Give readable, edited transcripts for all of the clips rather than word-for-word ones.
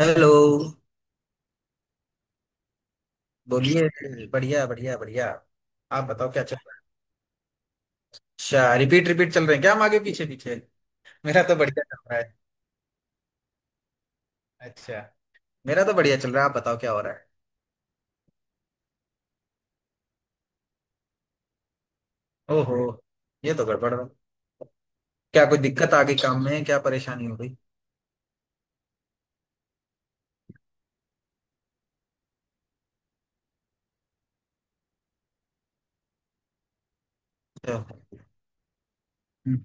Hello. बोलिए। बढ़िया बढ़िया बढ़िया। आप बताओ क्या चल रहा है। अच्छा, रिपीट रिपीट चल रहे हैं क्या हम, आगे पीछे पीछे। मेरा तो बढ़िया चल रहा है। अच्छा, मेरा तो बढ़िया चल रहा है। आप बताओ क्या हो रहा है। ओहो, ये तो गड़बड़ है। क्या कोई दिक्कत आ गई काम में? क्या परेशानी हो गई? तो, हम्म।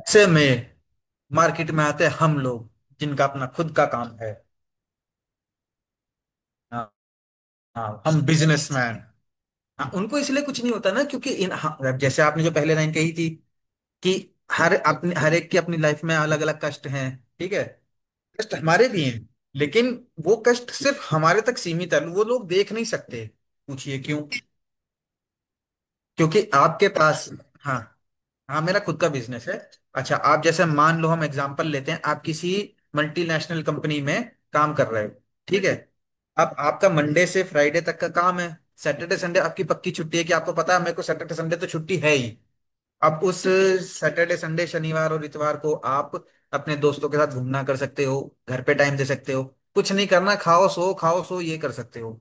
ऐसे में मार्केट में आते हैं हम लोग जिनका अपना खुद का काम है। हाँ। हाँ, हम बिजनेसमैन। हाँ, उनको इसलिए कुछ नहीं होता ना, क्योंकि इन हाँ, जैसे आपने जो पहले लाइन कही थी कि हर अपने हर एक की अपनी लाइफ में अलग अलग कष्ट हैं। ठीक है। कष्ट हमारे भी हैं, लेकिन वो कष्ट सिर्फ हमारे तक सीमित है, वो लोग देख नहीं सकते। पूछिए क्यों। क्योंकि आपके पास, हाँ। हाँ, मेरा खुद का बिजनेस है। अच्छा, आप जैसे मान लो हम एग्जांपल लेते हैं, आप किसी मल्टीनेशनल कंपनी में काम कर रहे हो। ठीक है। अब आपका मंडे से फ्राइडे तक का काम है। सैटरडे संडे आपकी पक्की छुट्टी है कि आपको पता है मेरे को सैटरडे संडे तो छुट्टी है ही। अब उस सैटरडे संडे शनिवार और इतवार को आप अपने दोस्तों के साथ घूमना कर सकते हो, घर पे टाइम दे सकते हो। कुछ नहीं करना, खाओ सो खाओ सो, ये कर सकते हो।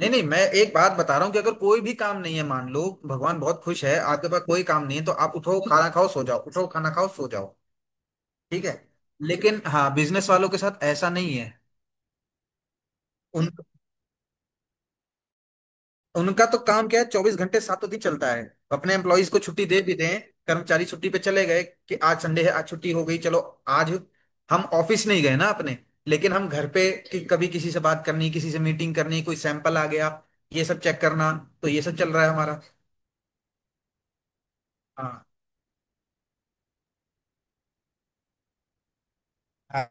नहीं नहीं, मैं एक बात बता रहा हूँ कि अगर कोई भी काम नहीं है मान लो, भगवान बहुत खुश है, आपके पास कोई काम नहीं है, तो आप उठो खाना खाओ सो जाओ, उठो खाना खाओ सो जाओ। ठीक है। लेकिन हाँ, बिजनेस वालों के साथ ऐसा नहीं है। उन उनका तो काम क्या है, चौबीस घंटे सातों दिन चलता है। अपने एम्प्लॉयज को छुट्टी दे भी दें, कर्मचारी छुट्टी पे चले गए कि आज संडे है, आज छुट्टी हो गई, चलो आज हम ऑफिस नहीं गए ना अपने। लेकिन हम घर पे, कि कभी किसी से बात करनी, किसी से मीटिंग करनी, कोई सैंपल आ गया, ये सब चेक करना, तो ये सब चल रहा है हमारा। हाँ। हाँ।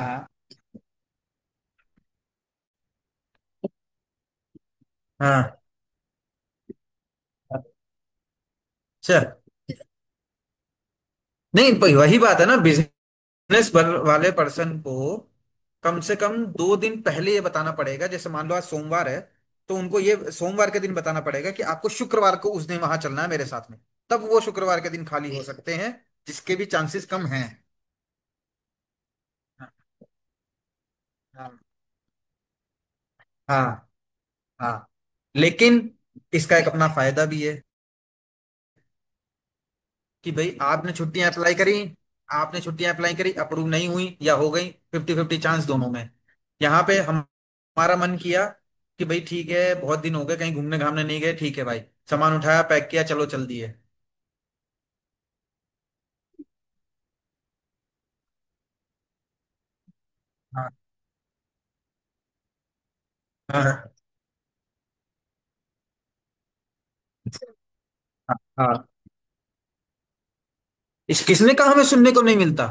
हाँ। हाँ। अच्छा। नहीं, वही बात है ना, बिजनेस वाले पर्सन को कम से कम दो दिन पहले ये बताना पड़ेगा। जैसे मान लो आज सोमवार है, तो उनको ये सोमवार के दिन बताना पड़ेगा कि आपको शुक्रवार को उस दिन वहां चलना है मेरे साथ में। तब वो शुक्रवार के दिन खाली हो सकते हैं, जिसके भी चांसेस कम हैं। हाँ। हाँ। हाँ। हाँ। लेकिन इसका एक अपना फायदा भी है। कि भाई आपने छुट्टियां अप्लाई करी, आपने छुट्टियां अप्लाई करी, अप्रूव नहीं हुई या हो गई, फिफ्टी फिफ्टी चांस दोनों में। यहाँ पे हम, हमारा मन किया कि भाई ठीक है, बहुत दिन हो गए कहीं घूमने घामने नहीं गए, ठीक है भाई, सामान उठाया, पैक किया, चलो चल दिए। हाँ। हाँ। हाँ। हाँ। इस किसने कहा हमें सुनने को नहीं मिलता?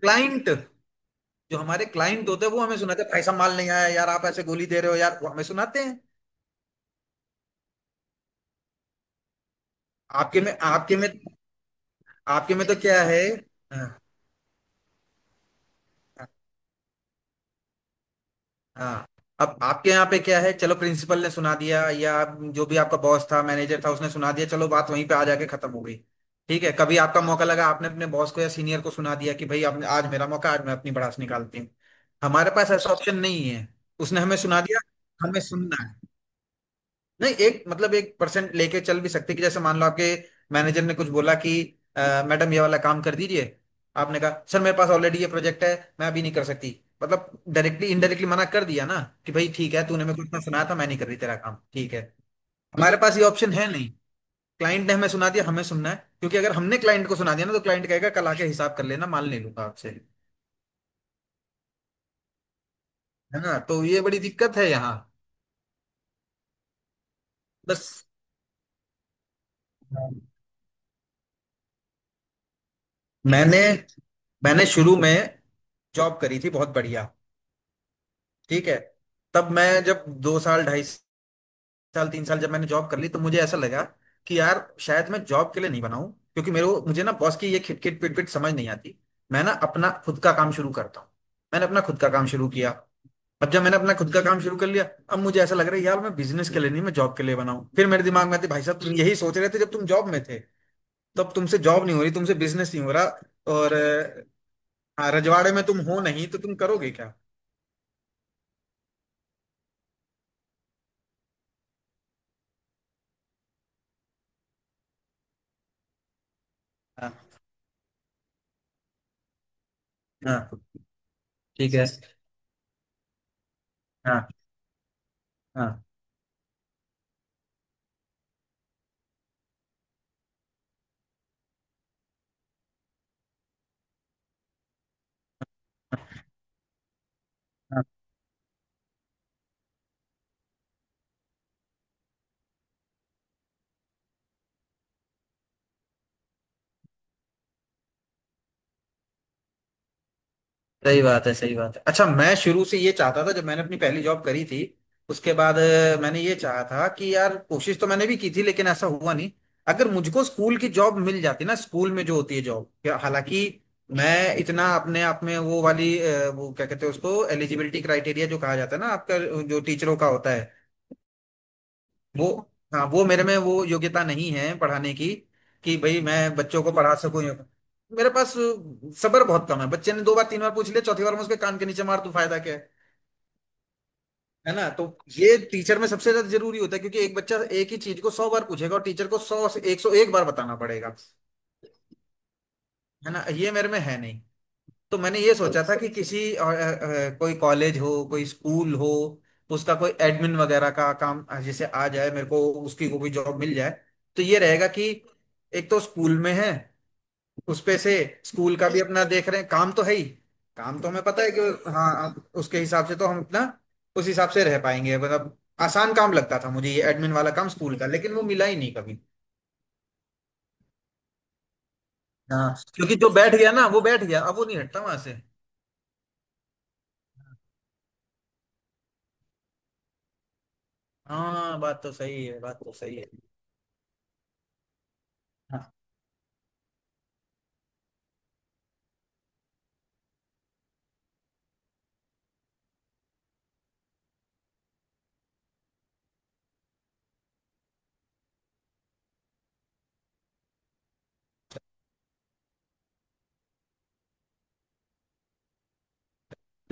क्लाइंट, जो हमारे क्लाइंट होते हैं वो हमें सुनाते हैं, भाई साहब माल नहीं आया यार, आप ऐसे गोली दे रहे हो यार, वो हमें सुनाते हैं। आपके में आपके में तो क्या है। हाँ। हाँ। अब आपके यहाँ पे क्या है, चलो प्रिंसिपल ने सुना दिया, या जो भी आपका बॉस था मैनेजर था उसने सुना दिया, चलो बात वहीं पे आ जाके खत्म हो गई। ठीक है, कभी आपका मौका लगा, आपने अपने बॉस को या सीनियर को सुना दिया कि भाई आपने आज मेरा मौका, आज मैं अपनी भड़ास निकालती हूँ। हमारे पास ऐसा ऑप्शन नहीं है। उसने हमें सुना दिया, हमें सुनना है। नहीं, एक मतलब एक परसेंट लेके चल भी सकते, कि जैसे मान लो आपके मैनेजर ने कुछ बोला कि मैडम ये वाला काम कर दीजिए। आपने कहा सर, मेरे पास ऑलरेडी ये प्रोजेक्ट है, मैं अभी नहीं कर सकती। मतलब डायरेक्टली इनडायरेक्टली मना कर दिया ना, कि भाई ठीक है, तूने मेरे को इतना सुनाया था, मैं नहीं कर रही तेरा काम, ठीक है। हमारे पास ये ऑप्शन है नहीं। क्लाइंट ने हमें सुना दिया, हमें सुनना है, क्योंकि अगर हमने क्लाइंट को सुना दिया ना तो क्लाइंट कहेगा कल आके हिसाब कर लेना, माल ले लूंगा आपसे। है ना, तो ये बड़ी दिक्कत है यहाँ। बस। मैंने मैंने शुरू में जॉब करी थी बहुत बढ़िया। ठीक है। तब मैं जब दो साल, ढाई साल, तीन साल जब मैंने जॉब कर ली तो मुझे ऐसा लगा कि यार शायद मैं जॉब के लिए नहीं बनाऊं, क्योंकि मेरे को मुझे ना बॉस की ये खिटखिट पिटपिट समझ नहीं आती। मैं ना अपना खुद का काम शुरू करता हूँ। मैंने अपना खुद का काम शुरू किया। अब जब मैंने अपना खुद का काम शुरू कर लिया, अब मुझे ऐसा लग रहा है यार मैं बिजनेस के लिए नहीं, मैं जॉब के लिए बनाऊं। फिर मेरे दिमाग में आती, भाई साहब तुम यही सोच रहे थे जब तुम जॉब में थे, तब तुमसे जॉब नहीं हो रही, तुमसे बिजनेस नहीं हो रहा। और हाँ, रजवाड़े में तुम हो नहीं, तो तुम करोगे क्या। हाँ। हाँ। ठीक है। हाँ। हाँ। हाँ। सही बात है, सही बात है। अच्छा, मैं शुरू से ये चाहता था, जब मैंने अपनी पहली जॉब करी थी, उसके बाद मैंने ये चाहा था कि यार कोशिश तो मैंने भी की थी, लेकिन ऐसा हुआ नहीं। अगर मुझको स्कूल की जॉब मिल जाती ना, स्कूल में जो होती है जॉब या-, हालांकि मैं इतना अपने आप में वो वाली वो क्या कहते हैं उसको, एलिजिबिलिटी क्राइटेरिया जो कहा जाता है ना आपका, जो टीचरों का होता है, वो, हाँ, वो मेरे में वो योग्यता नहीं है पढ़ाने की। कि भाई मैं बच्चों को पढ़ा सकूं या-, मेरे पास सब्र बहुत कम है। बच्चे ने दो बार तीन बार पूछ लिया, चौथी बार मैं उसके कान के नीचे मार, तू फायदा क्या है। है ना, तो ये टीचर में सबसे ज्यादा जरूरी होता है, क्योंकि एक बच्चा एक ही चीज को सौ बार पूछेगा और टीचर को सौ से एक सौ एक बार बताना पड़ेगा। है ना, ये मेरे में है नहीं। तो मैंने ये सोचा था, अच्छा, कि किसी कोई कॉलेज हो, कोई स्कूल हो, उसका कोई एडमिन वगैरह का काम जैसे आ जाए मेरे को, उसकी कोई जॉब मिल जाए, तो ये रहेगा कि एक तो स्कूल में है, उस पे से स्कूल का भी अपना देख रहे हैं काम तो है ही। काम तो हमें पता है कि हाँ, उसके हिसाब से तो हम अपना उस हिसाब से रह पाएंगे। मतलब आसान काम लगता था मुझे ये एडमिन वाला काम स्कूल का, लेकिन वो मिला ही नहीं कभी। हाँ, क्योंकि जो बैठ गया ना वो बैठ गया, अब वो नहीं हटता वहां से। हाँ, बात तो सही है, बात तो सही है।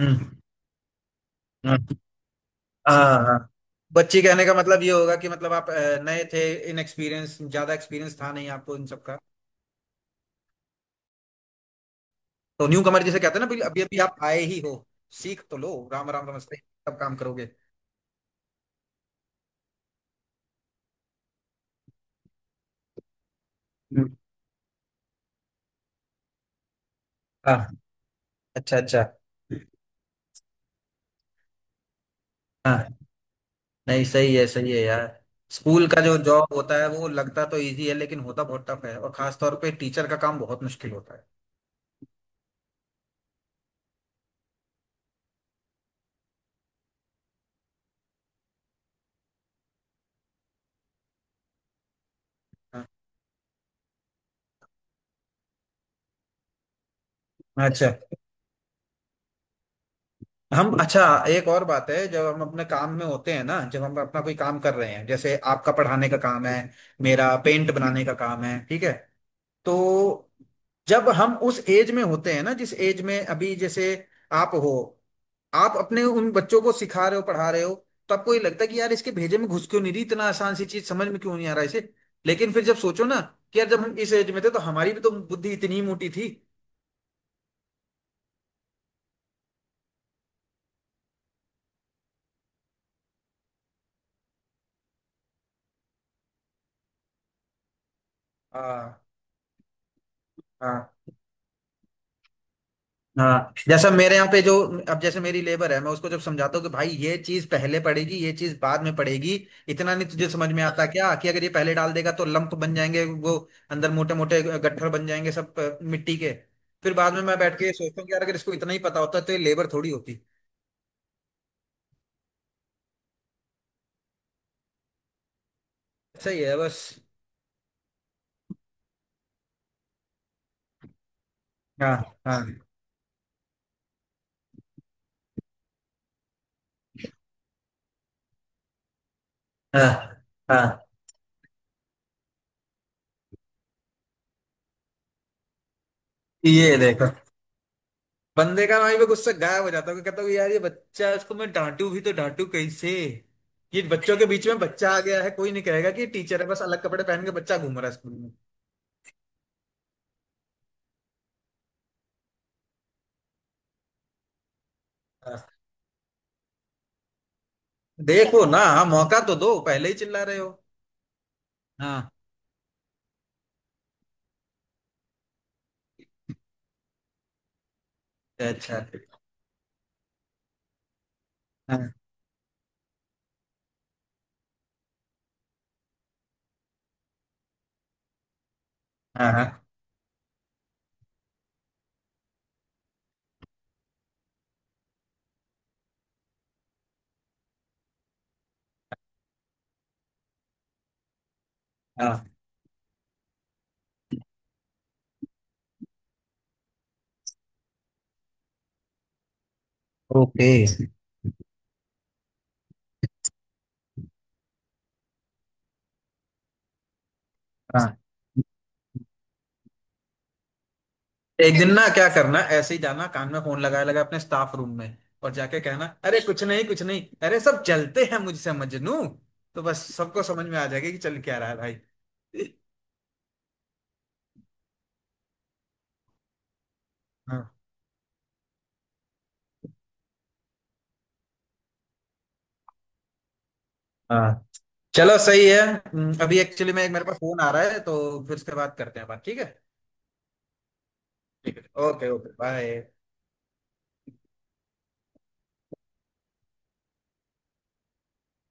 हम्म हम्म, हाँ। हाँ। बच्ची कहने का मतलब ये होगा कि मतलब आप नए थे, इनएक्सपीरियंस, ज्यादा एक्सपीरियंस था नहीं आपको इन सब का। तो न्यू कमर जिसे कहते हैं ना, अभी अभी अभी आप आए ही हो, सीख तो लो, राम राम नमस्ते सब काम करोगे। हम्म। हाँ। अच्छा, अच्छा। हाँ। नहीं, सही है, सही है यार। स्कूल का जो जॉब होता है वो लगता तो इजी है, लेकिन होता बहुत टफ है, और खास तौर पे टीचर का काम बहुत मुश्किल होता है। हाँ। अच्छा। हम, अच्छा। एक और बात है, जब हम अपने काम में होते हैं ना, जब हम अपना कोई काम कर रहे हैं, जैसे आपका पढ़ाने का काम है, मेरा पेंट बनाने का काम है, ठीक है, तो जब हम उस एज में होते हैं ना, जिस एज में अभी जैसे आप हो, आप अपने उन बच्चों को सिखा रहे हो, पढ़ा रहे हो, तो आपको ये लगता है कि यार इसके भेजे में घुस क्यों नहीं रही, इतना आसान सी चीज समझ में क्यों नहीं आ रहा इसे। लेकिन फिर जब सोचो ना कि यार जब हम इस एज में थे तो हमारी भी तो बुद्धि इतनी ही मोटी थी। हाँ। हाँ। हाँ। जैसा मेरे यहाँ पे जो, अब जैसे मेरी लेबर है, मैं उसको जब समझाता हूँ कि भाई ये चीज पहले पड़ेगी, ये चीज बाद में पड़ेगी, इतना नहीं तुझे समझ में आता क्या कि अगर ये पहले डाल देगा तो लंप बन जाएंगे वो, अंदर मोटे मोटे गट्ठर बन जाएंगे सब मिट्टी के। फिर बाद में मैं बैठ के सोचता हूँ कि यार अगर इसको इतना ही पता होता तो ये लेबर थोड़ी होती। सही है। बस। हाँ। हाँ। हाँ। हाँ। ये देखो, बंदे का वहीं पे गुस्सा गायब हो जाता है, कहता हूँ यार ये बच्चा है, इसको मैं डांटू भी तो डांटू कैसे। ये बच्चों के बीच में बच्चा आ गया है, कोई नहीं कहेगा कि टीचर है, बस अलग कपड़े पहन के बच्चा घूम रहा है स्कूल में। हाँ। देखो ना, हाँ, मौका तो दो, पहले ही चिल्ला रहे हो। हाँ। अच्छा। हाँ। हाँ। हाँ। हाँ, ओके। हाँ, एक दिन ना क्या करना, ऐसे ही जाना, कान में फोन लगाए लगा अपने स्टाफ रूम में, और जाके कहना अरे कुछ नहीं, कुछ नहीं, अरे सब जलते हैं मुझसे मजनू, तो बस सबको समझ में आ जाएगा कि चल क्या रहा है। भाई। हाँ। चलो सही है। अभी एक्चुअली में एक मेरे पास फोन आ रहा है, तो फिर उसके बाद करते हैं बात, ठीक है। ठीक है। Okay okay bye.